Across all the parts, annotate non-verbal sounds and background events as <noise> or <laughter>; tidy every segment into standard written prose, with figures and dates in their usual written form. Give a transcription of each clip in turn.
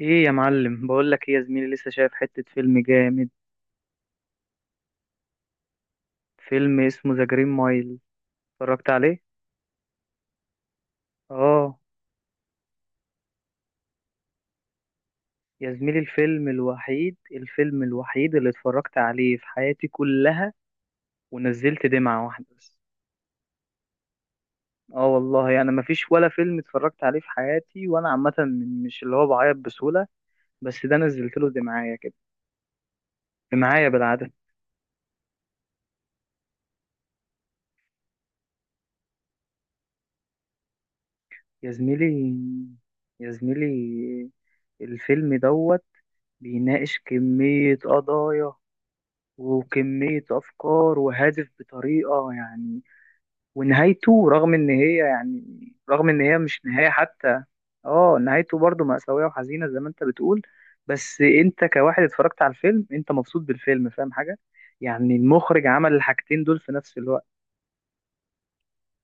ايه يا معلم، بقول لك ايه يا زميلي، لسه شايف حتة فيلم جامد. فيلم اسمه ذا جرين مايل، اتفرجت عليه. اه يا زميلي، الفيلم الوحيد اللي اتفرجت عليه في حياتي كلها، ونزلت دمعة واحدة بس. اه والله انا مفيش ولا فيلم اتفرجت عليه في حياتي وانا عامة، مش اللي هو بعيط بسهولة، بس ده نزلت له دمعاية كده، دمعاية بالعدد. يا زميلي يا زميلي، الفيلم دوت بيناقش كمية قضايا وكمية أفكار، وهادف بطريقة يعني، ونهايته رغم إن هي مش نهاية حتى. آه، نهايته برضو مأساوية وحزينة زي ما أنت بتقول. بس أنت كواحد اتفرجت على الفيلم، أنت مبسوط بالفيلم؟ فاهم حاجة؟ يعني المخرج عمل الحاجتين دول في نفس الوقت،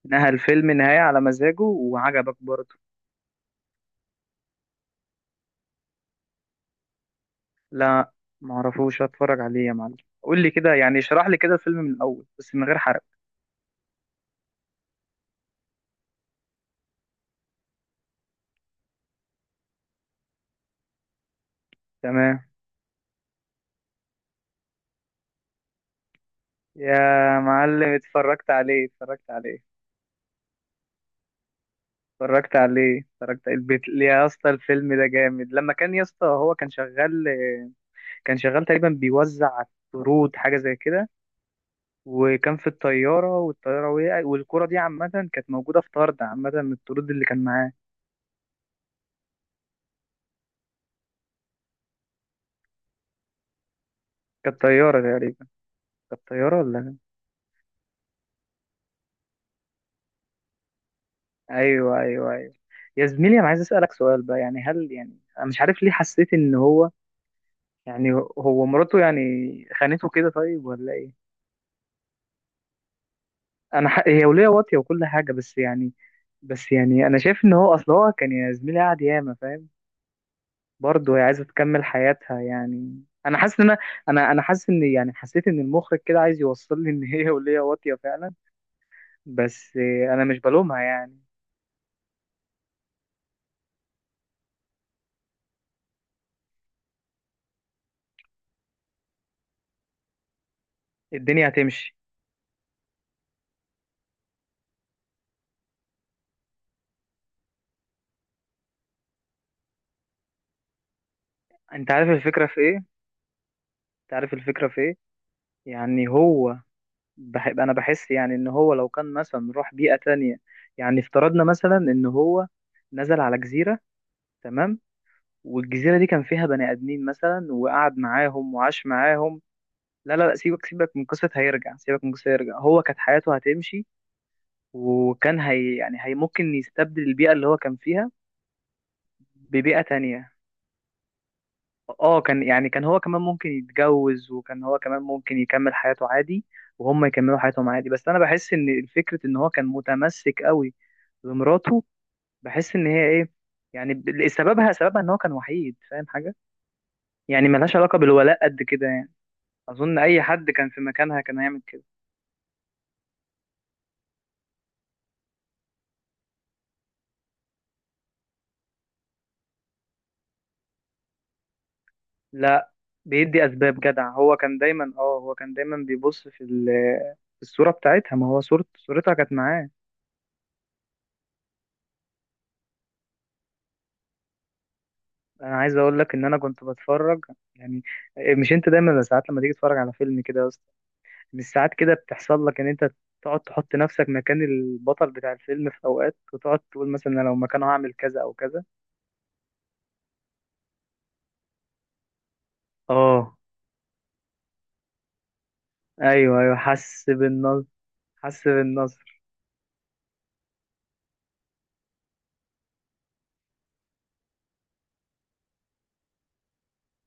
نهى الفيلم نهاية على مزاجه وعجبك برضه. لا، معرفوش، هتفرج عليه يا معلم؟ قول لي كده، يعني اشرح لي كده الفيلم من الأول، بس من غير حرق. تمام يا معلم، اتفرجت عليه، اتفرجت عليه، اتفرجت البيت ليه يا اسطى. الفيلم ده جامد، لما كان يا اسطى هو كان شغال تقريبا بيوزع طرود، حاجه زي كده. وكان في الطياره، والطياره وقعت، والكره دي عامه كانت موجوده في طرد، عامه من الطرود اللي كان معاه. كانت طياره تقريبا، كانت طياره ولا؟ ايوه ايوه ايوه. يا زميلي، انا عايز اسالك سؤال بقى. يعني هل، يعني انا مش عارف ليه حسيت ان هو، يعني هو مراته يعني خانته كده، طيب ولا ايه؟ هي ولية واطية وكل حاجة، بس يعني انا شايف ان هو، اصل هو كان يا زميلي قاعد ياما، فاهم؟ برضه هي عايزة تكمل حياتها، يعني انا حاسس ان انا انا أنا حاسس ان، يعني حسيت ان المخرج كده عايز يوصل لي ان هي ولية واطية فعلا، بس انا مش بلومها يعني. الدنيا هتمشي. انت عارف الفكرة في ايه؟ انت عارف الفكرة في ايه؟ يعني هو، انا بحس يعني ان هو لو كان مثلا راح بيئة تانية، يعني افترضنا مثلا ان هو نزل على جزيرة، تمام؟ والجزيرة دي كان فيها بني آدمين مثلا، وقعد معاهم وعاش معاهم. لا لا لا، سيبك سيبك من قصة هيرجع، سيبك من قصة هيرجع، هو كانت حياته هتمشي. وكان هي يعني هي ممكن يستبدل البيئة اللي هو كان فيها ببيئة تانية. اه، كان هو كمان ممكن يتجوز، وكان هو كمان ممكن يكمل حياته عادي، وهم يكملوا حياتهم عادي. بس انا بحس ان فكرة ان هو كان متمسك قوي بمراته، بحس ان هي ايه، يعني سببها ان هو كان وحيد، فاهم حاجة؟ يعني ملهاش علاقة بالولاء قد كده يعني. اظن اي حد كان في مكانها كان هيعمل كده. لا، بيدي اسباب جدع، هو كان دايما، بيبص في في الصوره بتاعتها، ما هو صورة، صورتها كانت معاه. انا عايز اقول لك ان انا كنت بتفرج يعني، مش انت دايما، بس ساعات لما تيجي تتفرج على فيلم كده يا اسطى، مش ساعات كده بتحصل لك ان انت تقعد تحط نفسك مكان البطل بتاع الفيلم في اوقات، وتقعد تقول مثلا انا لو مكانه هعمل كذا او كذا. اه، ايوه ايوه، حس بالنصر، حس بالنصر.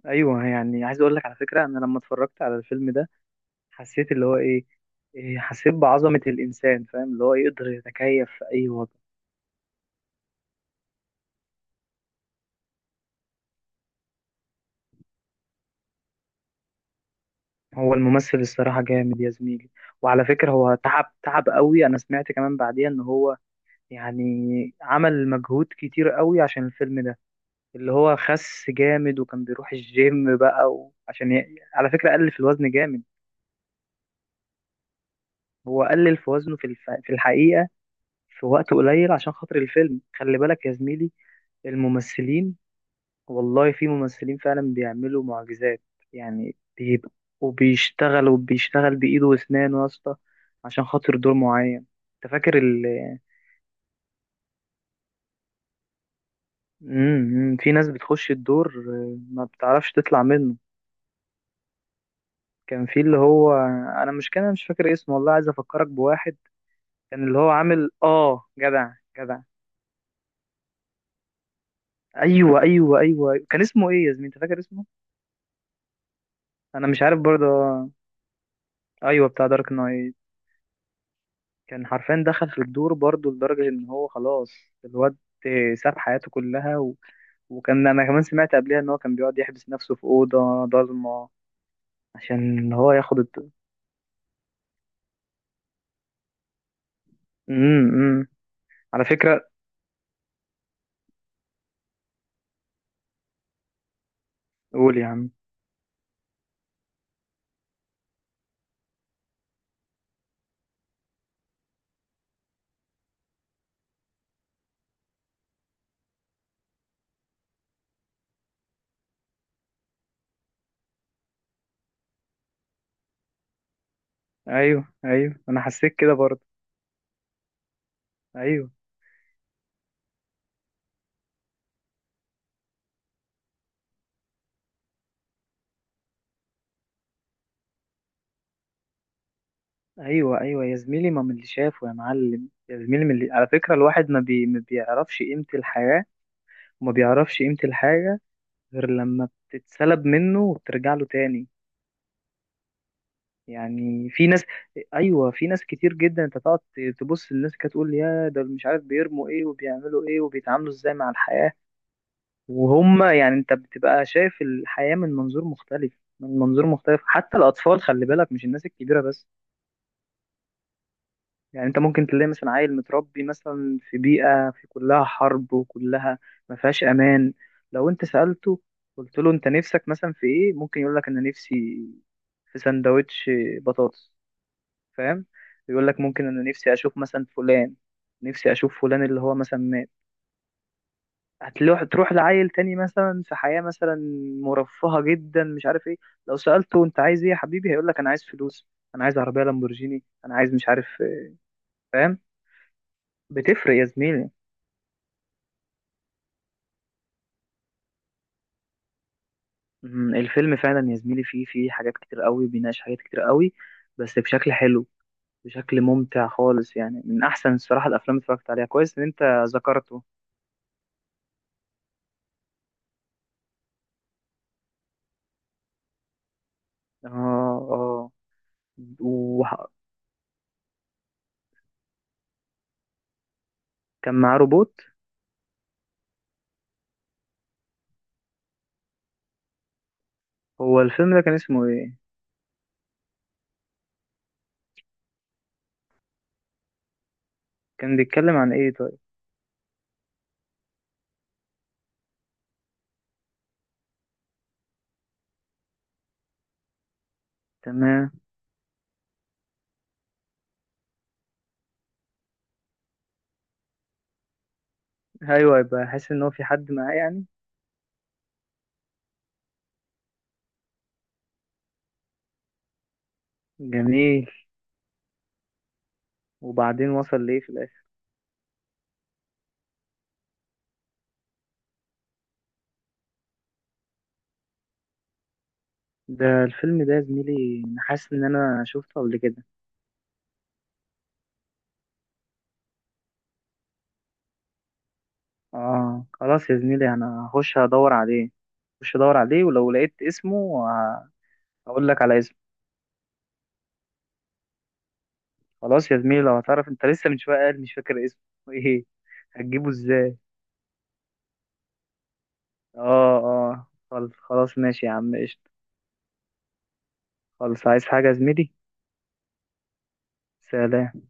ايوه، يعني عايز اقول لك على فكره، انا لما اتفرجت على الفيلم ده حسيت اللي هو ايه، إيه، حسيت بعظمة الإنسان، فاهم؟ اللي هو يقدر يتكيف في أي وضع. هو الممثل الصراحة جامد يا زميلي، وعلى فكرة هو تعب، تعب قوي. أنا سمعت كمان بعديها إن هو يعني عمل مجهود كتير قوي عشان الفيلم ده، اللي هو خس جامد، وكان بيروح الجيم بقى على فكرة قلل في الوزن جامد. هو قلل في وزنه في الحقيقة في وقت قليل عشان خاطر الفيلم. خلي بالك يا زميلي، الممثلين، والله في ممثلين فعلا بيعملوا معجزات. يعني بيبقى، وبيشتغل بإيده وأسنانه يا اسطى، عشان خاطر دور معين. انت فاكر في ناس بتخش الدور، ما بتعرفش تطلع منه. كان في اللي هو، انا مش كان أنا مش فاكر اسمه والله، عايز افكرك بواحد، كان اللي هو عامل جدع، جدع. ايوه ايوه ايوه، أيوه. كان اسمه ايه يا زميلي؟ انت فاكر اسمه؟ انا مش عارف برضه، ايوه، بتاع دارك نايت. كان حرفيا دخل في الدور برضه لدرجة إن هو خلاص، الواد ساب حياته كلها وكان، أنا كمان سمعت قبلها إن هو كان بيقعد يحبس نفسه في أوضة ضلمة عشان هو ياخد امم، إمم. على فكرة، قول يا عم. أيوه أيوه، أنا حسيت كده برضه. أيوه أيوه أيوه يا زميلي، ما من اللي شافه يا معلم، يا زميلي على فكرة الواحد ما بيعرفش قيمة الحياة، وما بيعرفش قيمة الحاجة غير لما بتتسلب منه وبترجع له تاني. يعني في ناس، ايوه، في ناس كتير جدا، انت تقعد تبص للناس كده تقول يا ده مش عارف بيرموا ايه وبيعملوا ايه وبيتعاملوا ازاي مع الحياة، وهم يعني انت بتبقى شايف الحياة من منظور مختلف، من منظور مختلف، حتى الاطفال خلي بالك، مش الناس الكبيرة بس. يعني انت ممكن تلاقي مثلا عيل متربي مثلا في بيئة كلها حرب وكلها ما فيهاش امان. لو انت سألته، قلت له انت نفسك مثلا في ايه، ممكن يقول لك انا نفسي في سندوتش بطاطس، فاهم. يقول لك ممكن انا نفسي اشوف مثلا فلان، نفسي اشوف فلان اللي هو مثلا مات. هتروح لعيل تاني مثلا في حياة مثلا مرفهة جدا، مش عارف ايه، لو سألته انت عايز ايه يا حبيبي، هيقول لك انا عايز فلوس، انا عايز عربية لامبورجيني، انا عايز مش عارف إيه. فاهم؟ بتفرق يا زميلي. الفيلم فعلا يا زميلي فيه حاجات كتير قوي، بيناقش حاجات كتير قوي، بس بشكل حلو، بشكل ممتع خالص، يعني من احسن الصراحة الافلام اللي اتفرجت عليها. كويس ان انت ذكرته. اه، اه، كان معاه روبوت. هو الفيلم ده كان اسمه ايه؟ كان بيتكلم عن ايه طيب؟ تمام. ايوه، يبقى حاسس ان هو في حد معاه يعني. جميل. وبعدين وصل ليه في الاخر؟ ده الفيلم ده يا زميلي، أنا حاسس ان انا شفته قبل كده. اه، خلاص يا زميلي، انا هخش ادور عليه، ولو لقيت اسمه هقول لك على اسمه. خلاص يا زميلي، لو هتعرف انت، لسه من شويه قال مش فاكر اسمه. <laughs> ايه، هتجيبه ازاي؟ اه، اه، خلاص خلاص، ماشي يا عم، قشطة. خلاص، عايز حاجه يا زميلي؟ سلام.